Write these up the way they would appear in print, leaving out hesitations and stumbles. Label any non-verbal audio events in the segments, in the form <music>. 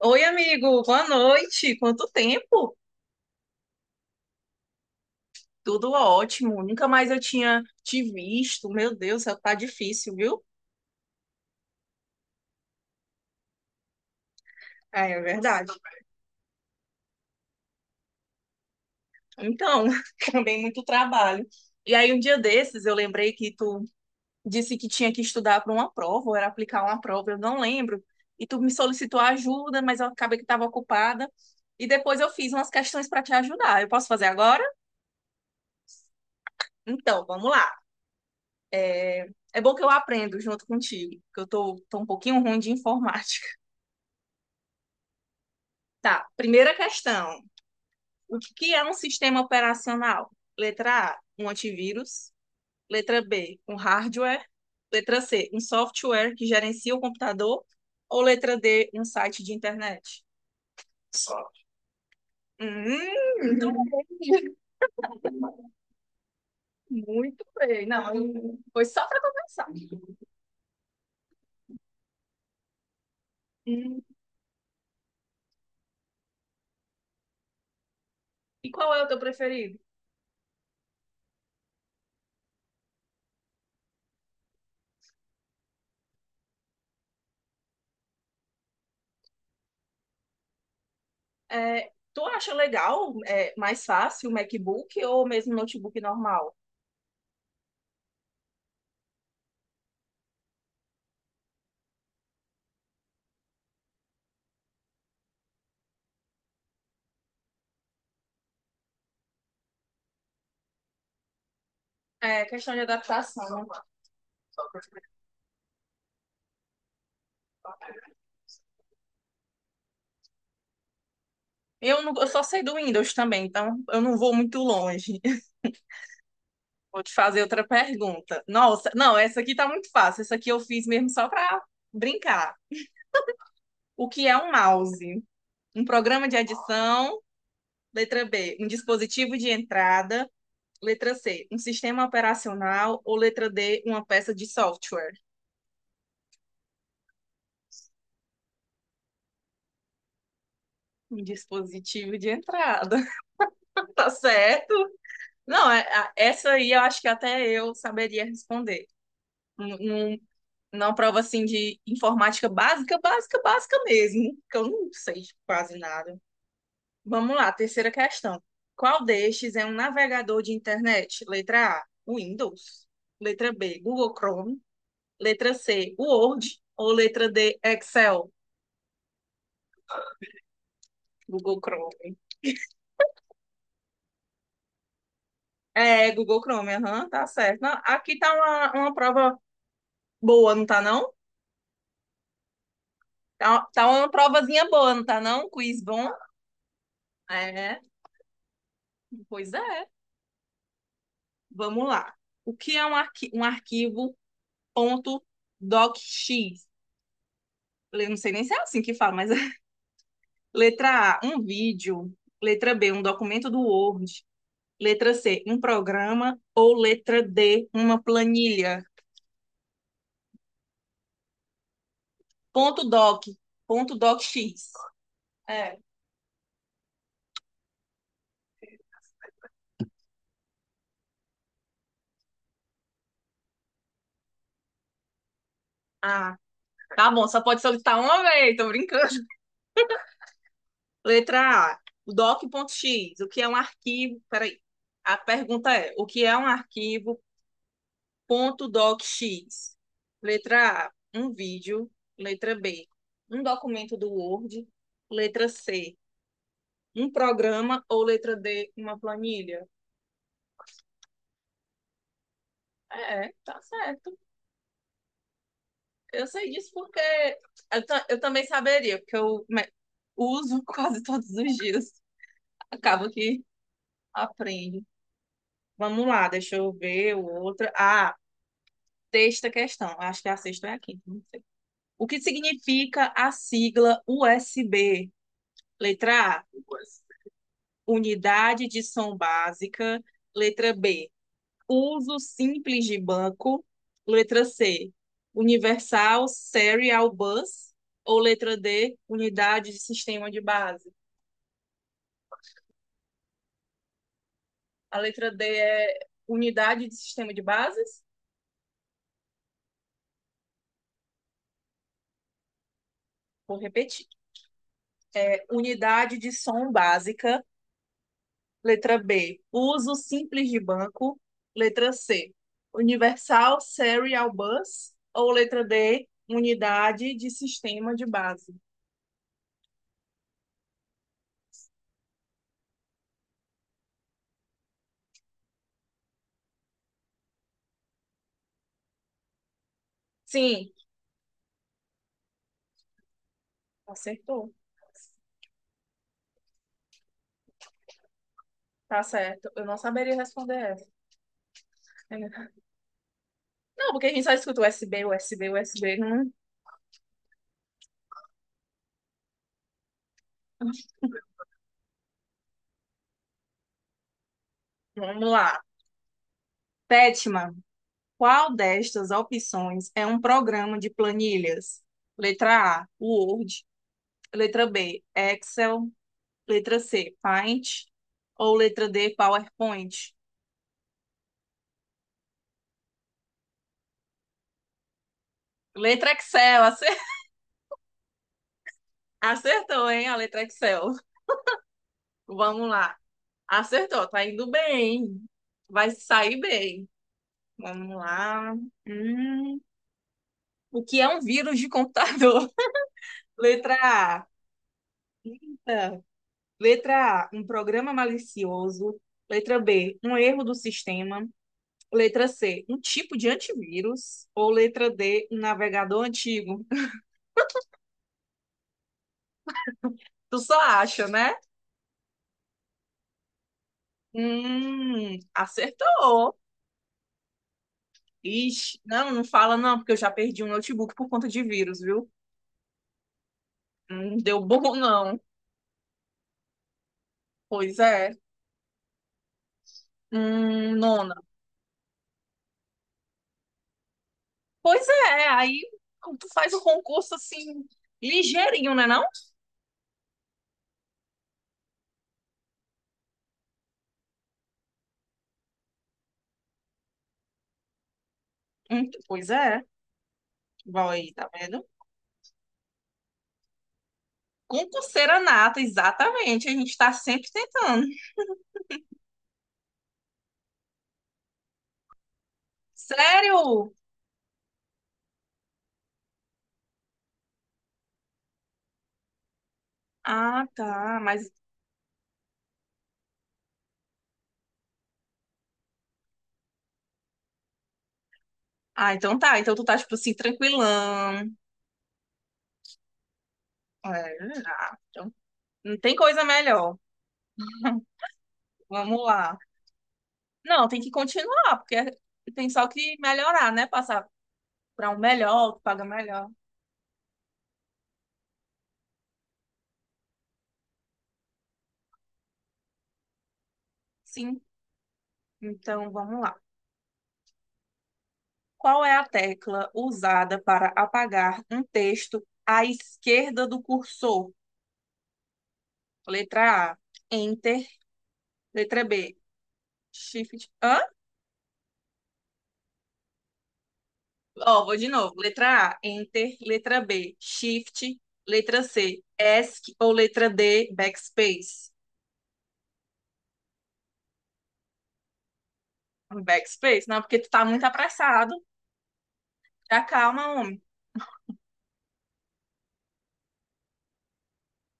Oi, amigo, boa noite. Quanto tempo? Tudo ótimo. Nunca mais eu tinha te visto. Meu Deus, tá difícil, viu? É verdade. Então, <laughs> também muito trabalho. E aí, um dia desses, eu lembrei que tu disse que tinha que estudar para uma prova, ou era aplicar uma prova, eu não lembro. E tu me solicitou ajuda, mas eu acabei que estava ocupada. E depois eu fiz umas questões para te ajudar. Eu posso fazer agora? Então, vamos lá. É bom que eu aprendo junto contigo, porque eu tô um pouquinho ruim de informática. Tá, primeira questão. O que é um sistema operacional? Letra A, um antivírus. Letra B, um hardware. Letra C, um software que gerencia o computador. Ou letra D, um site de internet? Só. Hum. Muito bem. Não, foi só para começar. Hum. E qual é o teu preferido? É, tu acha legal, é, mais fácil o MacBook ou mesmo notebook normal? É questão de adaptação, né? Eu, não, eu só sei do Windows também, então eu não vou muito longe. <laughs> Vou te fazer outra pergunta. Nossa, não, essa aqui tá muito fácil. Essa aqui eu fiz mesmo só pra brincar. O que é um mouse? Um programa de adição, letra B, um dispositivo de entrada, letra C, um sistema operacional ou letra D, uma peça de software. Um dispositivo de entrada. <laughs> Tá certo? Não, é- a- essa aí eu acho que até eu saberia responder. Um, um Não prova assim de informática básica, básica, básica mesmo, que eu não sei quase nada. Vamos lá, terceira questão. Qual destes é um navegador de internet? Letra A, Windows. Letra B, Google Chrome. Letra C, Word. Ou letra D, Excel. Google Chrome. É, Google Chrome, aham, tá certo. Não, aqui tá uma prova boa, não tá não? Tá uma provazinha boa, não tá não? Quiz bom? É, pois é. Vamos lá. O que é um, arqui um arquivo .docx? Eu não sei nem se é assim que fala, mas <laughs> é. Letra A, um vídeo. Letra B, um documento do Word. Letra C, um programa. Ou letra D, uma planilha. Ponto .doc. Ponto .docx. É. Ah, tá bom. Só pode solicitar uma vez. Tô brincando. Letra A, doc.x. O que é um arquivo... Peraí. A pergunta é, o que é um arquivo .docx. Letra A, um vídeo. Letra B, um documento do Word. Letra C, um programa. Ou letra D, uma planilha. É, tá certo. Eu sei disso porque eu também saberia, porque eu, né, uso <laughs> quase todos os dias. Acabo que aprendo. Vamos lá, deixa eu ver outra. Ah, sexta questão. Acho que a sexta é a quinta, não sei. O que significa a sigla USB? Letra A, unidade de som básica. Letra B, uso simples de banco. Letra C, universal serial bus. Ou letra D, unidade de sistema de base. A letra D é unidade de sistema de bases. Vou repetir. É unidade de som básica. Letra B, uso simples de banco. Letra C, universal serial bus. Ou letra D, unidade de sistema de base. Sim, acertou. Tá certo. Eu não saberia responder essa. <laughs> Não, porque a gente só escuta USB, USB, USB. Não. Vamos lá. Sétima, qual destas opções é um programa de planilhas? Letra A, Word. Letra B, Excel. Letra C, Paint. Ou letra D, PowerPoint. Letra Excel, <laughs> acertou, hein? A letra Excel. Vamos lá. Acertou, tá indo bem. Vai sair bem. Vamos lá. Hum. O que é um vírus de computador? <laughs> Letra A. Eita. Letra A, um programa malicioso. Letra B, um erro do sistema. Letra C, um tipo de antivírus. Ou letra D, um navegador antigo. <laughs> Tu só acha, né? Acertou. Ixi, não, não fala não, porque eu já perdi um notebook por conta de vírus, viu? Não deu bom, não. Pois é. Nona. Pois é, aí tu faz o concurso assim, ligeirinho, né não? Pois é. Vai, tá vendo? Concurseira nata, exatamente. A gente tá sempre tentando. Sério? Ah, tá, mas... Ah, então tá. Então tu tá, tipo assim, tranquilão. É, ah, então não tem coisa melhor. Vamos lá. Não, tem que continuar, porque tem só que melhorar, né? Passar para um melhor, que paga melhor. Sim, então vamos lá. Qual é a tecla usada para apagar um texto à esquerda do cursor? Letra A, Enter. Letra B, Shift. Hã? Ó, vou de novo. Letra A, Enter. Letra B, Shift. Letra C, ESC. Ou letra D, Backspace. Backspace? Não, porque tu tá muito apressado. Já calma, homem.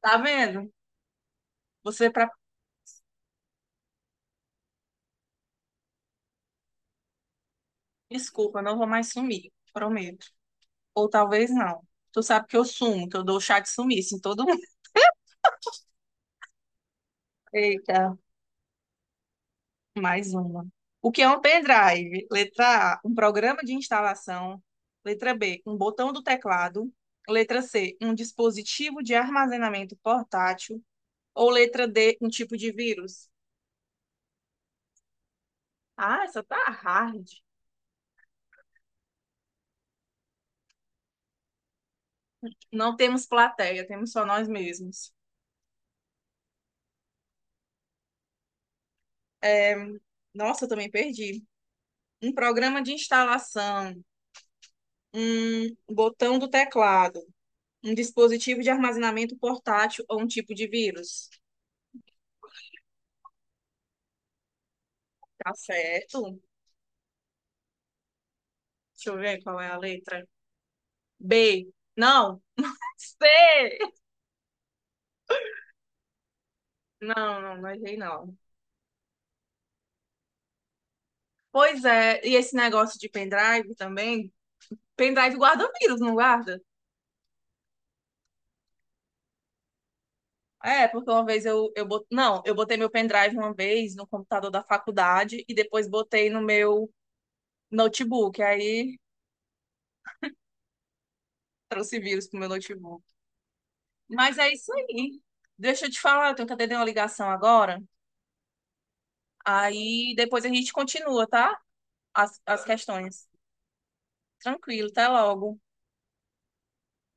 Tá vendo? Você para Desculpa, não vou mais sumir, prometo. Ou talvez não. Tu sabe que eu sumo, que eu dou chá de sumiço em todo mundo. <laughs> Eita, mais uma. O que é um pendrive? Letra A, um programa de instalação. Letra B, um botão do teclado. Letra C, um dispositivo de armazenamento portátil. Ou letra D, um tipo de vírus? Ah, essa tá hard. Não temos plateia, temos só nós mesmos. É, nossa, eu também perdi. Um programa de instalação. Um botão do teclado. Um dispositivo de armazenamento portátil ou um tipo de vírus. Tá certo? Deixa eu ver qual é a letra. B. Não. C. Não, não, não errei não. Pois é, e esse negócio de pendrive também? Pendrive guarda vírus, não guarda? É, porque uma vez não, eu botei meu pendrive uma vez no computador da faculdade e depois botei no meu notebook. Aí trouxe vírus pro meu notebook. Mas é isso aí. Deixa eu te falar, eu tenho que atender uma ligação agora. Aí depois a gente continua, tá? As questões. Tranquilo, até logo.